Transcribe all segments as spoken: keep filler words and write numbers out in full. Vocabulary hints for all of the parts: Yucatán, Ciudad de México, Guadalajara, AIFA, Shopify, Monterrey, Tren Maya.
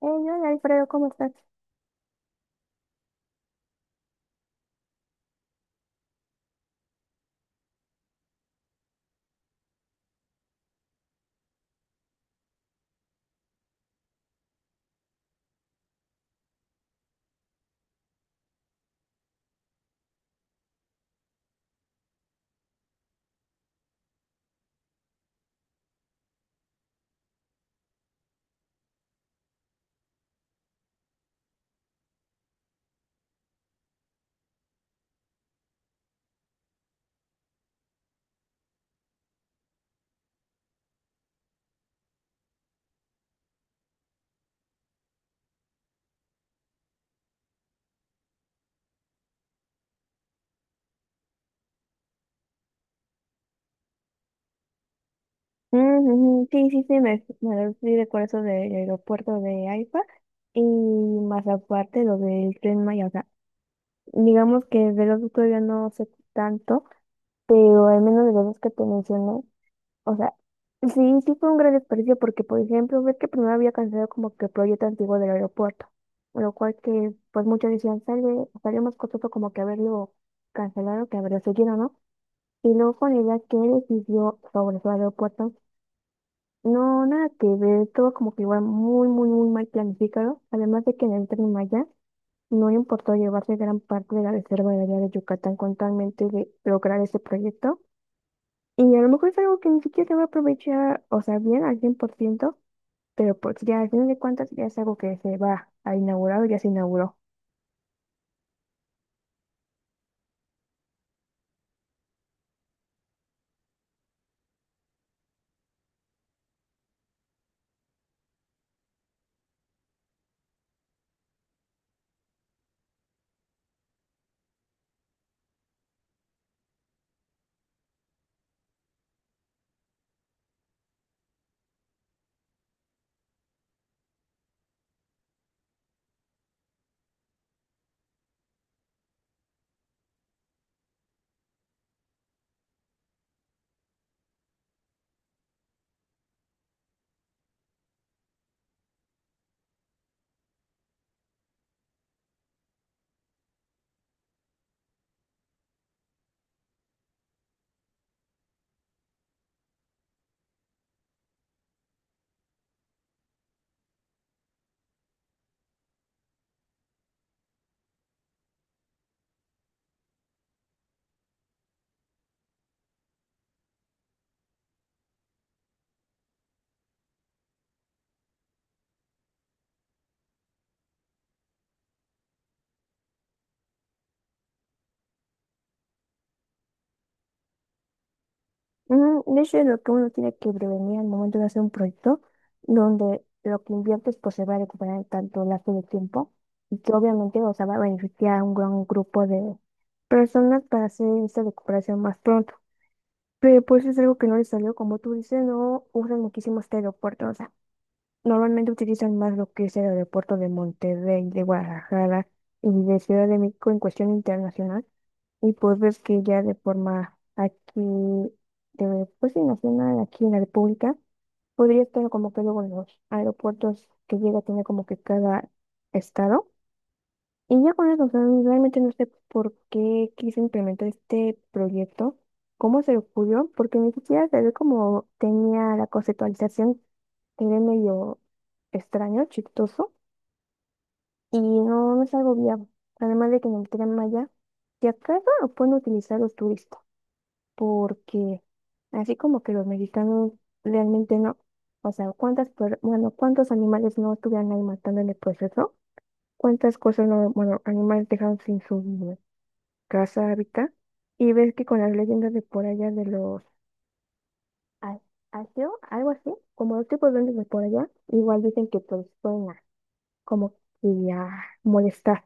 Hey, hola Alfredo, ¿cómo estás? Mm, ujú, Sí, sí, sí, me, me fui de eso del aeropuerto de A I F A y más aparte lo del Tren Maya, o sea, digamos que de los dos todavía no sé tanto, pero al menos de los dos que te mencioné, o sea, sí, sí fue un gran desperdicio porque, por ejemplo, ves que primero había cancelado como que el proyecto antiguo del aeropuerto, lo cual que pues muchos decían, sale, salió más costoso como que haberlo cancelado que haberlo seguido, ¿no? Y luego con la idea que él decidió sobre su aeropuerto. No, nada que ver, todo como que igual muy, muy, muy mal planificado. Además de que en el Tren Maya no le importó llevarse gran parte de la reserva de área de Yucatán con talmente de lograr ese proyecto. Y a lo mejor es algo que ni siquiera se va a aprovechar, o sea, bien al cien por ciento, pero pues ya al final de cuentas ya es algo que se va a inaugurar o ya se inauguró. Mm, De hecho, es lo que uno tiene que prevenir al momento de hacer un proyecto, donde lo que inviertes pues se va a recuperar en tanto lapso de tiempo y que obviamente, o sea, va a beneficiar a un gran grupo de personas para hacer esta recuperación más pronto. Pero pues es algo que no les salió, como tú dices, no usan muchísimo este aeropuerto, o sea, normalmente utilizan más lo que es el aeropuerto de Monterrey, de Guadalajara y de Ciudad de México en cuestión internacional. Y pues ves que ya de forma aquí, de, pues sí, nacional, aquí en la República, podría estar como que luego en los aeropuertos que llega a tener como que cada estado. Y ya con eso, o sea, realmente no sé por qué quise implementar este proyecto, cómo se le ocurrió, porque ni siquiera se ve como tenía la conceptualización, era medio extraño, chistoso, y no, no es algo viable. Además de que en el Tren Maya, si acaso lo pueden utilizar los turistas, porque así como que los mexicanos realmente no. O sea, cuántas, per- bueno, cuántos animales no estuvieran ahí matando en el proceso, cuántas cosas no, bueno, animales dejaron sin su casa, hábitat, y ves que con las leyendas de por allá de los a- asio, algo así, como los tipos de duendes de por allá, igual dicen que pues pueden como que a molestar.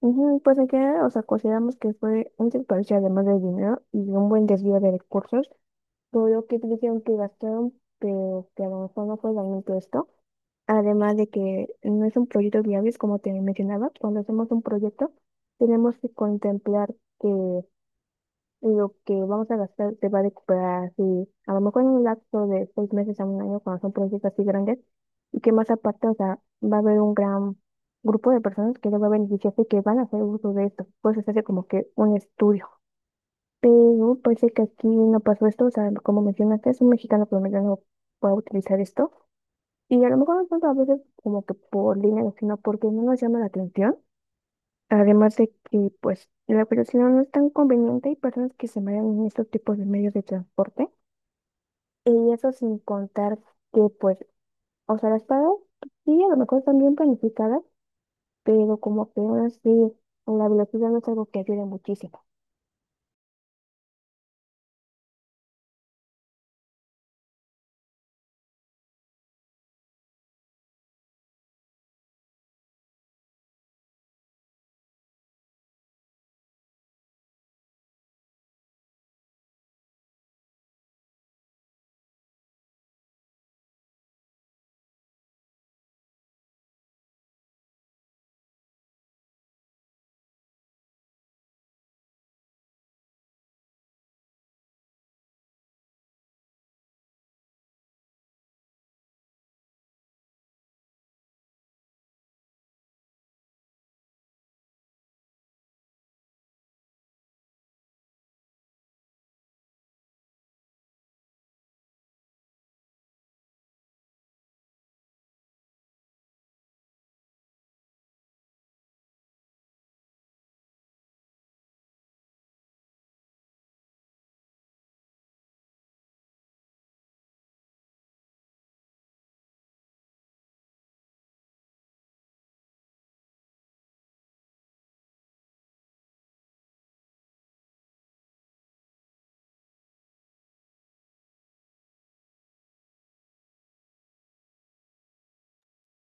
Ujú. Pues en general, o sea, consideramos que fue un desperdicio además de dinero y un buen desvío de recursos. Todo lo que dijeron que gastaron, pero que a lo mejor no fue realmente esto. Además de que no es un proyecto viable, es como te mencionaba, cuando hacemos un proyecto tenemos que contemplar que lo que vamos a gastar se va a recuperar así, a lo mejor en un lapso de seis meses a un año, cuando son proyectos así grandes, y que más aparte, o sea, va a haber un gran grupo de personas que les va a beneficiar y que van a hacer uso de esto. Pues se hace como que un estudio. Pero parece que aquí no pasó esto, o sea, como mencionaste, es un mexicano promedio no puede utilizar esto. Y a lo mejor no tanto a veces como que por dinero, sino porque no nos llama la atención. Además de que, pues, la velocidad no es tan conveniente, hay personas que se marean en estos tipos de medios de transporte. Y eso sin contar que, pues, o sea, las paradas sí, a lo mejor están bien planificadas, pero como que aún así, la velocidad no es algo que ayude muchísimo.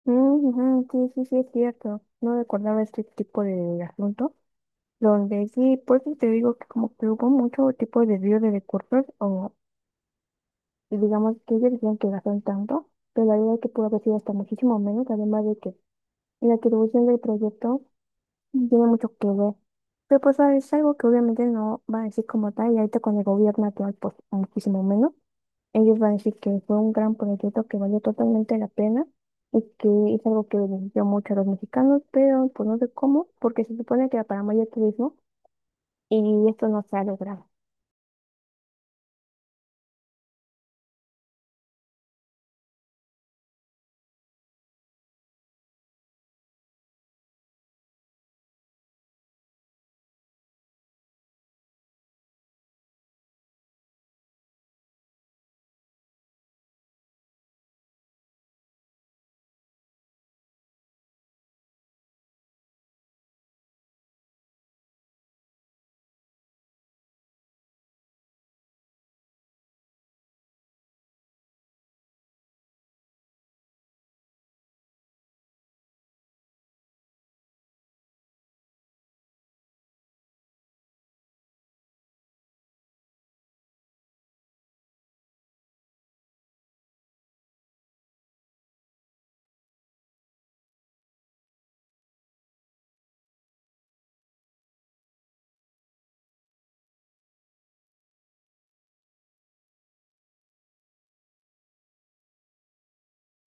Mm, ujú, sí, sí, sí, es cierto. No recordaba este tipo de asunto, donde sí, por eso te digo que como que hubo mucho tipo de desvío de recursos. Y digamos que ellos dijeron que gastaron tanto, pero la verdad es que pudo haber sido hasta muchísimo menos, además de que en la atribución del proyecto tiene mucho que ver. Pero pues ah, es algo que obviamente no van a decir como tal, y ahorita con el gobierno actual, pues muchísimo menos. Ellos van a decir que fue un gran proyecto que valió totalmente la pena y que es algo que benefició mucho a los mexicanos, pero pues no sé cómo, porque se supone que era para mayor turismo y esto no se ha logrado.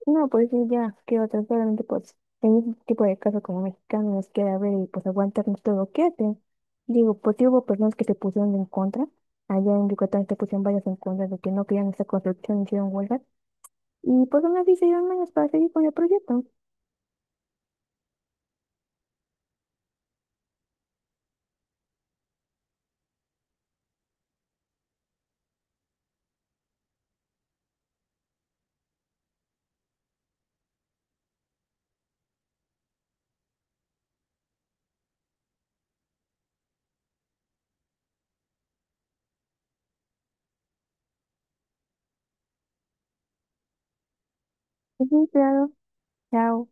No, pues sí, ya, qué otra, solamente pues, en un tipo de caso como mexicanos que a ver y pues aguantarnos todo lo que hacen. Digo, pues sí hubo personas que se pusieron en contra, allá en Yucatán se pusieron varias en contra de que no querían esta construcción, hicieron huelgas, y pues aún así se dieron menos para seguir con el proyecto. Sí, claro, chao.